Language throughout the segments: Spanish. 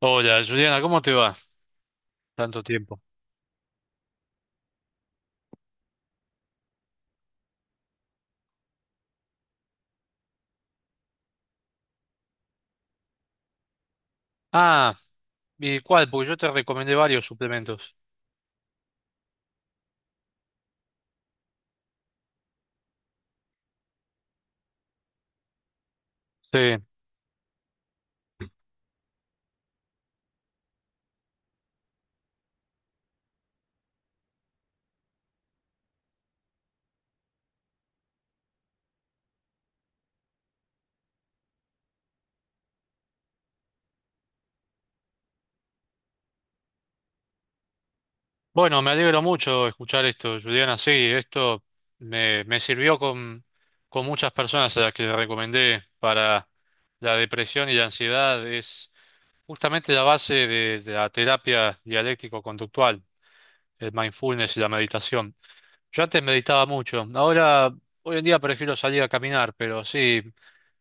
Hola, Juliana, ¿cómo te va? Tanto tiempo. Ah, ¿y cuál? Porque yo te recomendé varios suplementos. Sí. Bueno, me alegro mucho escuchar esto, Juliana. Sí, esto me sirvió con muchas personas a las que le recomendé para la depresión y la ansiedad. Es justamente la base de la terapia dialéctico-conductual, el mindfulness y la meditación. Yo antes meditaba mucho. Ahora, hoy en día prefiero salir a caminar, pero sí,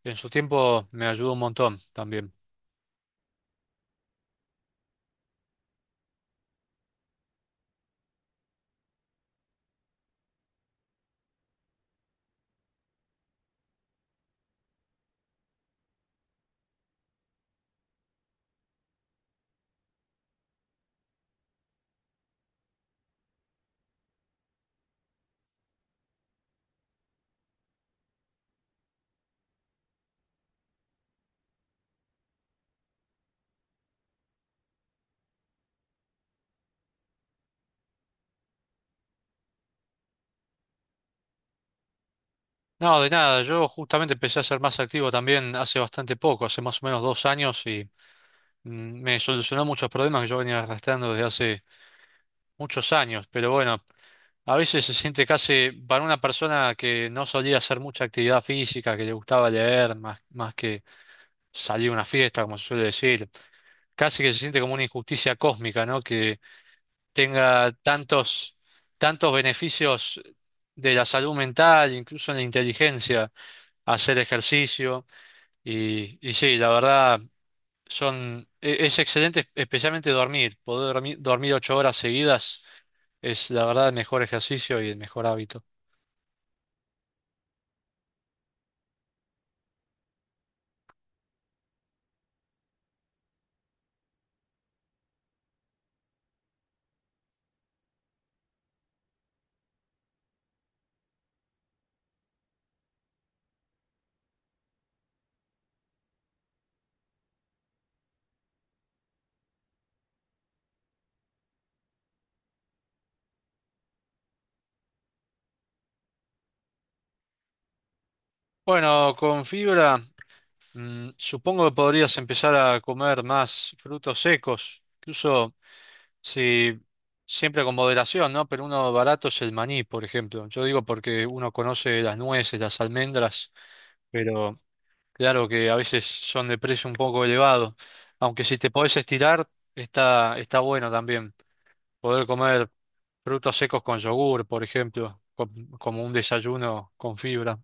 en su tiempo me ayudó un montón también. No, de nada, yo justamente empecé a ser más activo también hace bastante poco, hace más o menos 2 años, y me solucionó muchos problemas que yo venía arrastrando desde hace muchos años. Pero bueno, a veces se siente casi para una persona que no solía hacer mucha actividad física, que le gustaba leer más, más que salir a una fiesta, como se suele decir, casi que se siente como una injusticia cósmica, ¿no? Tenga tantos, tantos beneficios de la salud mental, incluso en la inteligencia, hacer ejercicio. Y sí, la verdad, es excelente, especialmente dormir. Poder dormir, dormir 8 horas seguidas es la verdad el mejor ejercicio y el mejor hábito. Bueno, con fibra, supongo que podrías empezar a comer más frutos secos, incluso. Sí, siempre con moderación, ¿no? Pero uno barato es el maní, por ejemplo. Yo digo porque uno conoce las nueces, las almendras, pero claro que a veces son de precio un poco elevado. Aunque si te podés estirar, está bueno también. Poder comer frutos secos con yogur, por ejemplo, como un desayuno con fibra.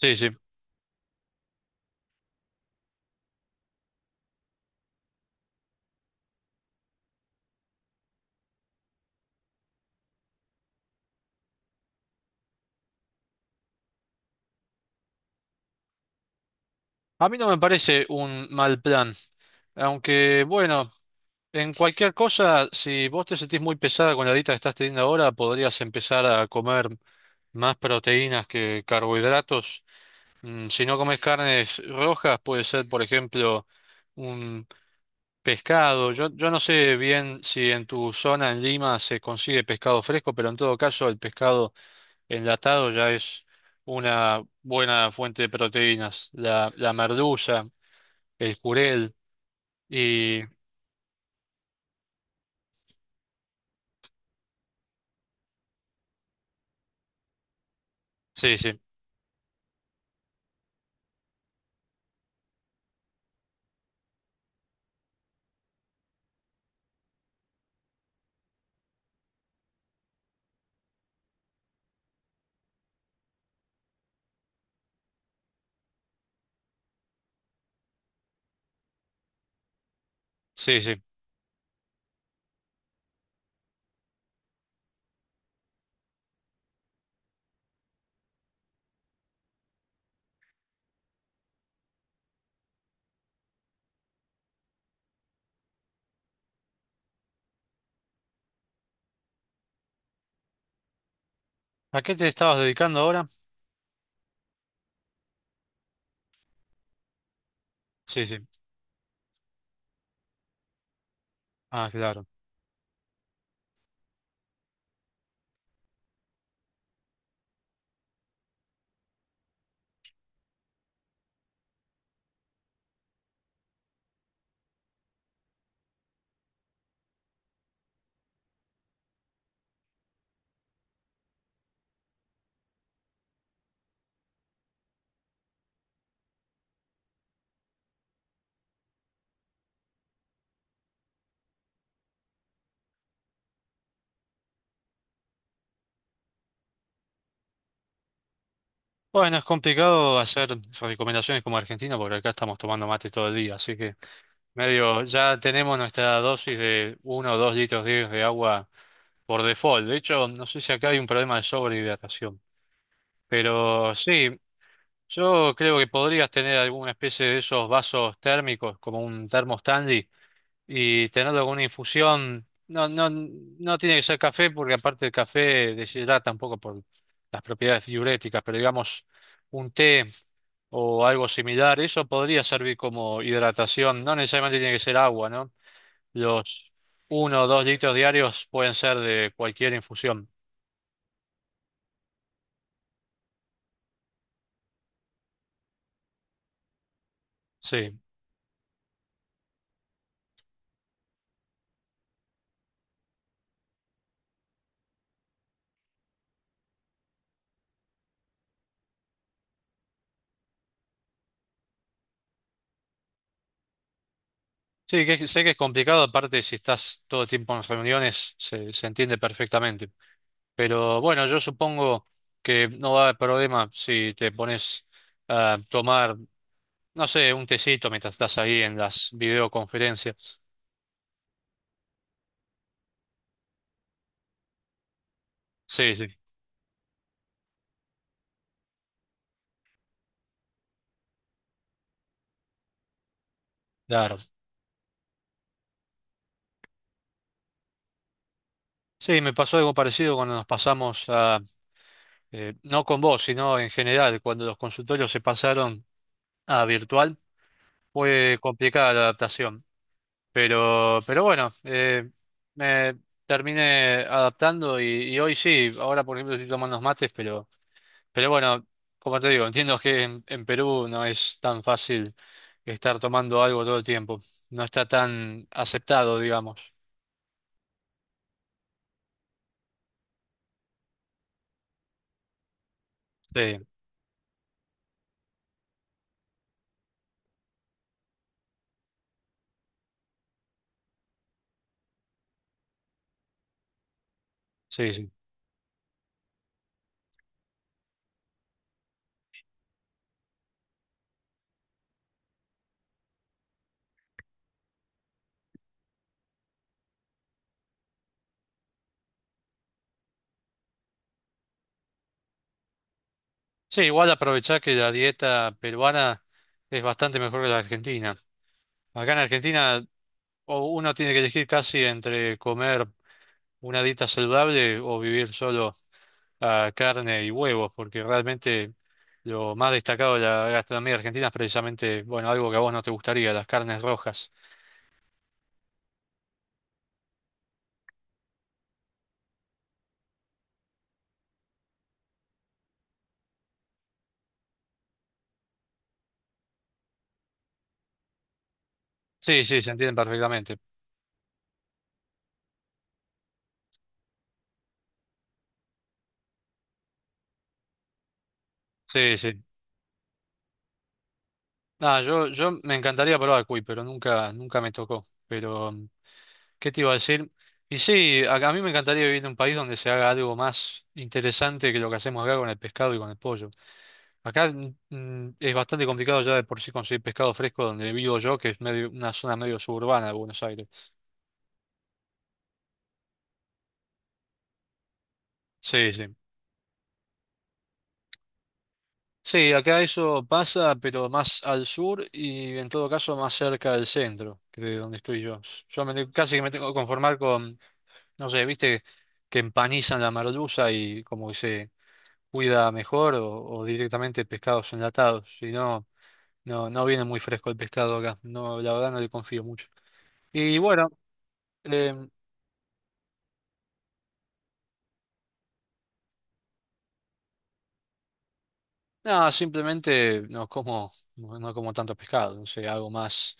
Sí, sí. A mí no me parece un mal plan, aunque bueno. En cualquier cosa, si vos te sentís muy pesada con la dieta que estás teniendo ahora, podrías empezar a comer más proteínas que carbohidratos. Si no comes carnes rojas, puede ser, por ejemplo, un pescado. Yo no sé bien si en tu zona, en Lima, se consigue pescado fresco, pero en todo caso, el pescado enlatado ya es una buena fuente de proteínas. La merluza, el jurel y... Sí, sí, sí, sí. ¿A qué te estabas dedicando ahora? Sí, sí. Ah, claro. Bueno, es complicado hacer recomendaciones como argentino porque acá estamos tomando mate todo el día, así que medio ya tenemos nuestra dosis de 1 o 2 litros diarios de agua por default. De hecho, no sé si acá hay un problema de sobrehidratación, pero sí, yo creo que podrías tener alguna especie de esos vasos térmicos como un termo Stanley y tener alguna infusión. No, no, no tiene que ser café porque aparte el café deshidrata un poco por las propiedades diuréticas, pero digamos un té o algo similar, eso podría servir como hidratación. No necesariamente tiene que ser agua, ¿no? Los 1 o 2 litros diarios pueden ser de cualquier infusión. Sí. Sí, que, sé que es complicado, aparte si estás todo el tiempo en reuniones, se entiende perfectamente. Pero bueno, yo supongo que no va a haber problema si te pones a tomar, no sé, un tecito mientras estás ahí en las videoconferencias. Sí, sí, claro. Sí, me pasó algo parecido cuando nos pasamos a, no con vos, sino en general, cuando los consultorios se pasaron a virtual, fue complicada la adaptación. Pero bueno, me terminé adaptando y hoy sí, ahora por ejemplo estoy tomando unos mates. Pero bueno, como te digo, entiendo que en Perú no es tan fácil estar tomando algo todo el tiempo. No está tan aceptado, digamos. Sí, sí, sí. Sí, igual aprovechar que la dieta peruana es bastante mejor que la argentina. Acá en Argentina o uno tiene que elegir casi entre comer una dieta saludable o vivir solo a carne y huevos, porque realmente lo más destacado de la gastronomía argentina es precisamente, bueno, algo que a vos no te gustaría, las carnes rojas. Sí, sí, se entienden perfectamente. Sí, sí. Ah, yo me encantaría probar cuy, pero nunca, nunca me tocó. Pero, ¿qué te iba a decir? Y sí, a mí me encantaría vivir en un país donde se haga algo más interesante que lo que hacemos acá con el pescado y con el pollo. Acá es bastante complicado ya de por sí conseguir pescado fresco donde vivo yo, que es medio, una zona medio suburbana de Buenos Aires. Sí, sí. Sí, acá eso pasa, pero más al sur y en todo caso más cerca del centro, que de donde estoy yo. Casi que me tengo que conformar con. No sé, viste que empanizan la merluza y como que se cuida mejor o directamente pescados enlatados. Si no, no viene muy fresco el pescado acá. No, la verdad no le confío mucho. Y bueno, em, no, simplemente como tanto pescado, no sé, algo más.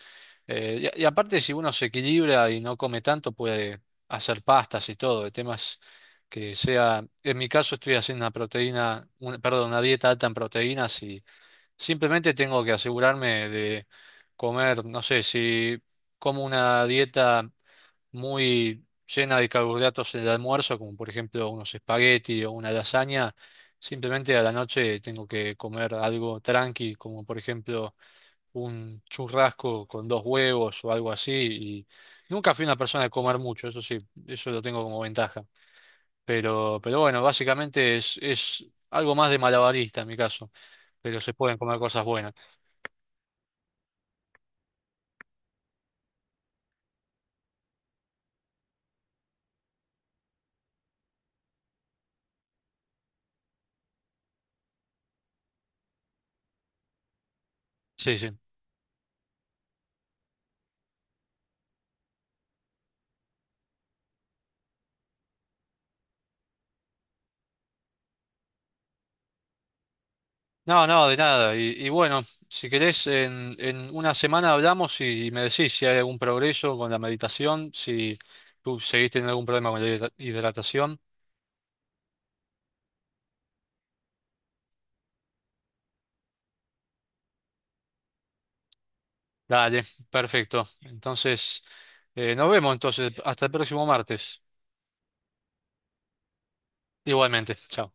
Y aparte, si uno se equilibra y no come tanto, puede hacer pastas y todo, de temas que sea. En mi caso, estoy haciendo perdón, una dieta alta en proteínas y simplemente tengo que asegurarme de comer, no sé, si como una dieta muy llena de carbohidratos en el almuerzo, como por ejemplo unos espagueti o una lasaña. Simplemente a la noche tengo que comer algo tranqui, como por ejemplo un churrasco con 2 huevos o algo así. Y nunca fui una persona de comer mucho, eso sí, eso lo tengo como ventaja. Pero bueno, básicamente es algo más de malabarista en mi caso, pero se pueden comer cosas buenas. Sí, sí. No, no, de nada. Y bueno, si querés, en una semana hablamos y, me decís si hay algún progreso con la meditación, si tú seguiste teniendo algún problema con la hidratación. Dale, perfecto. Entonces, nos vemos entonces. Hasta el próximo martes. Igualmente. Chao.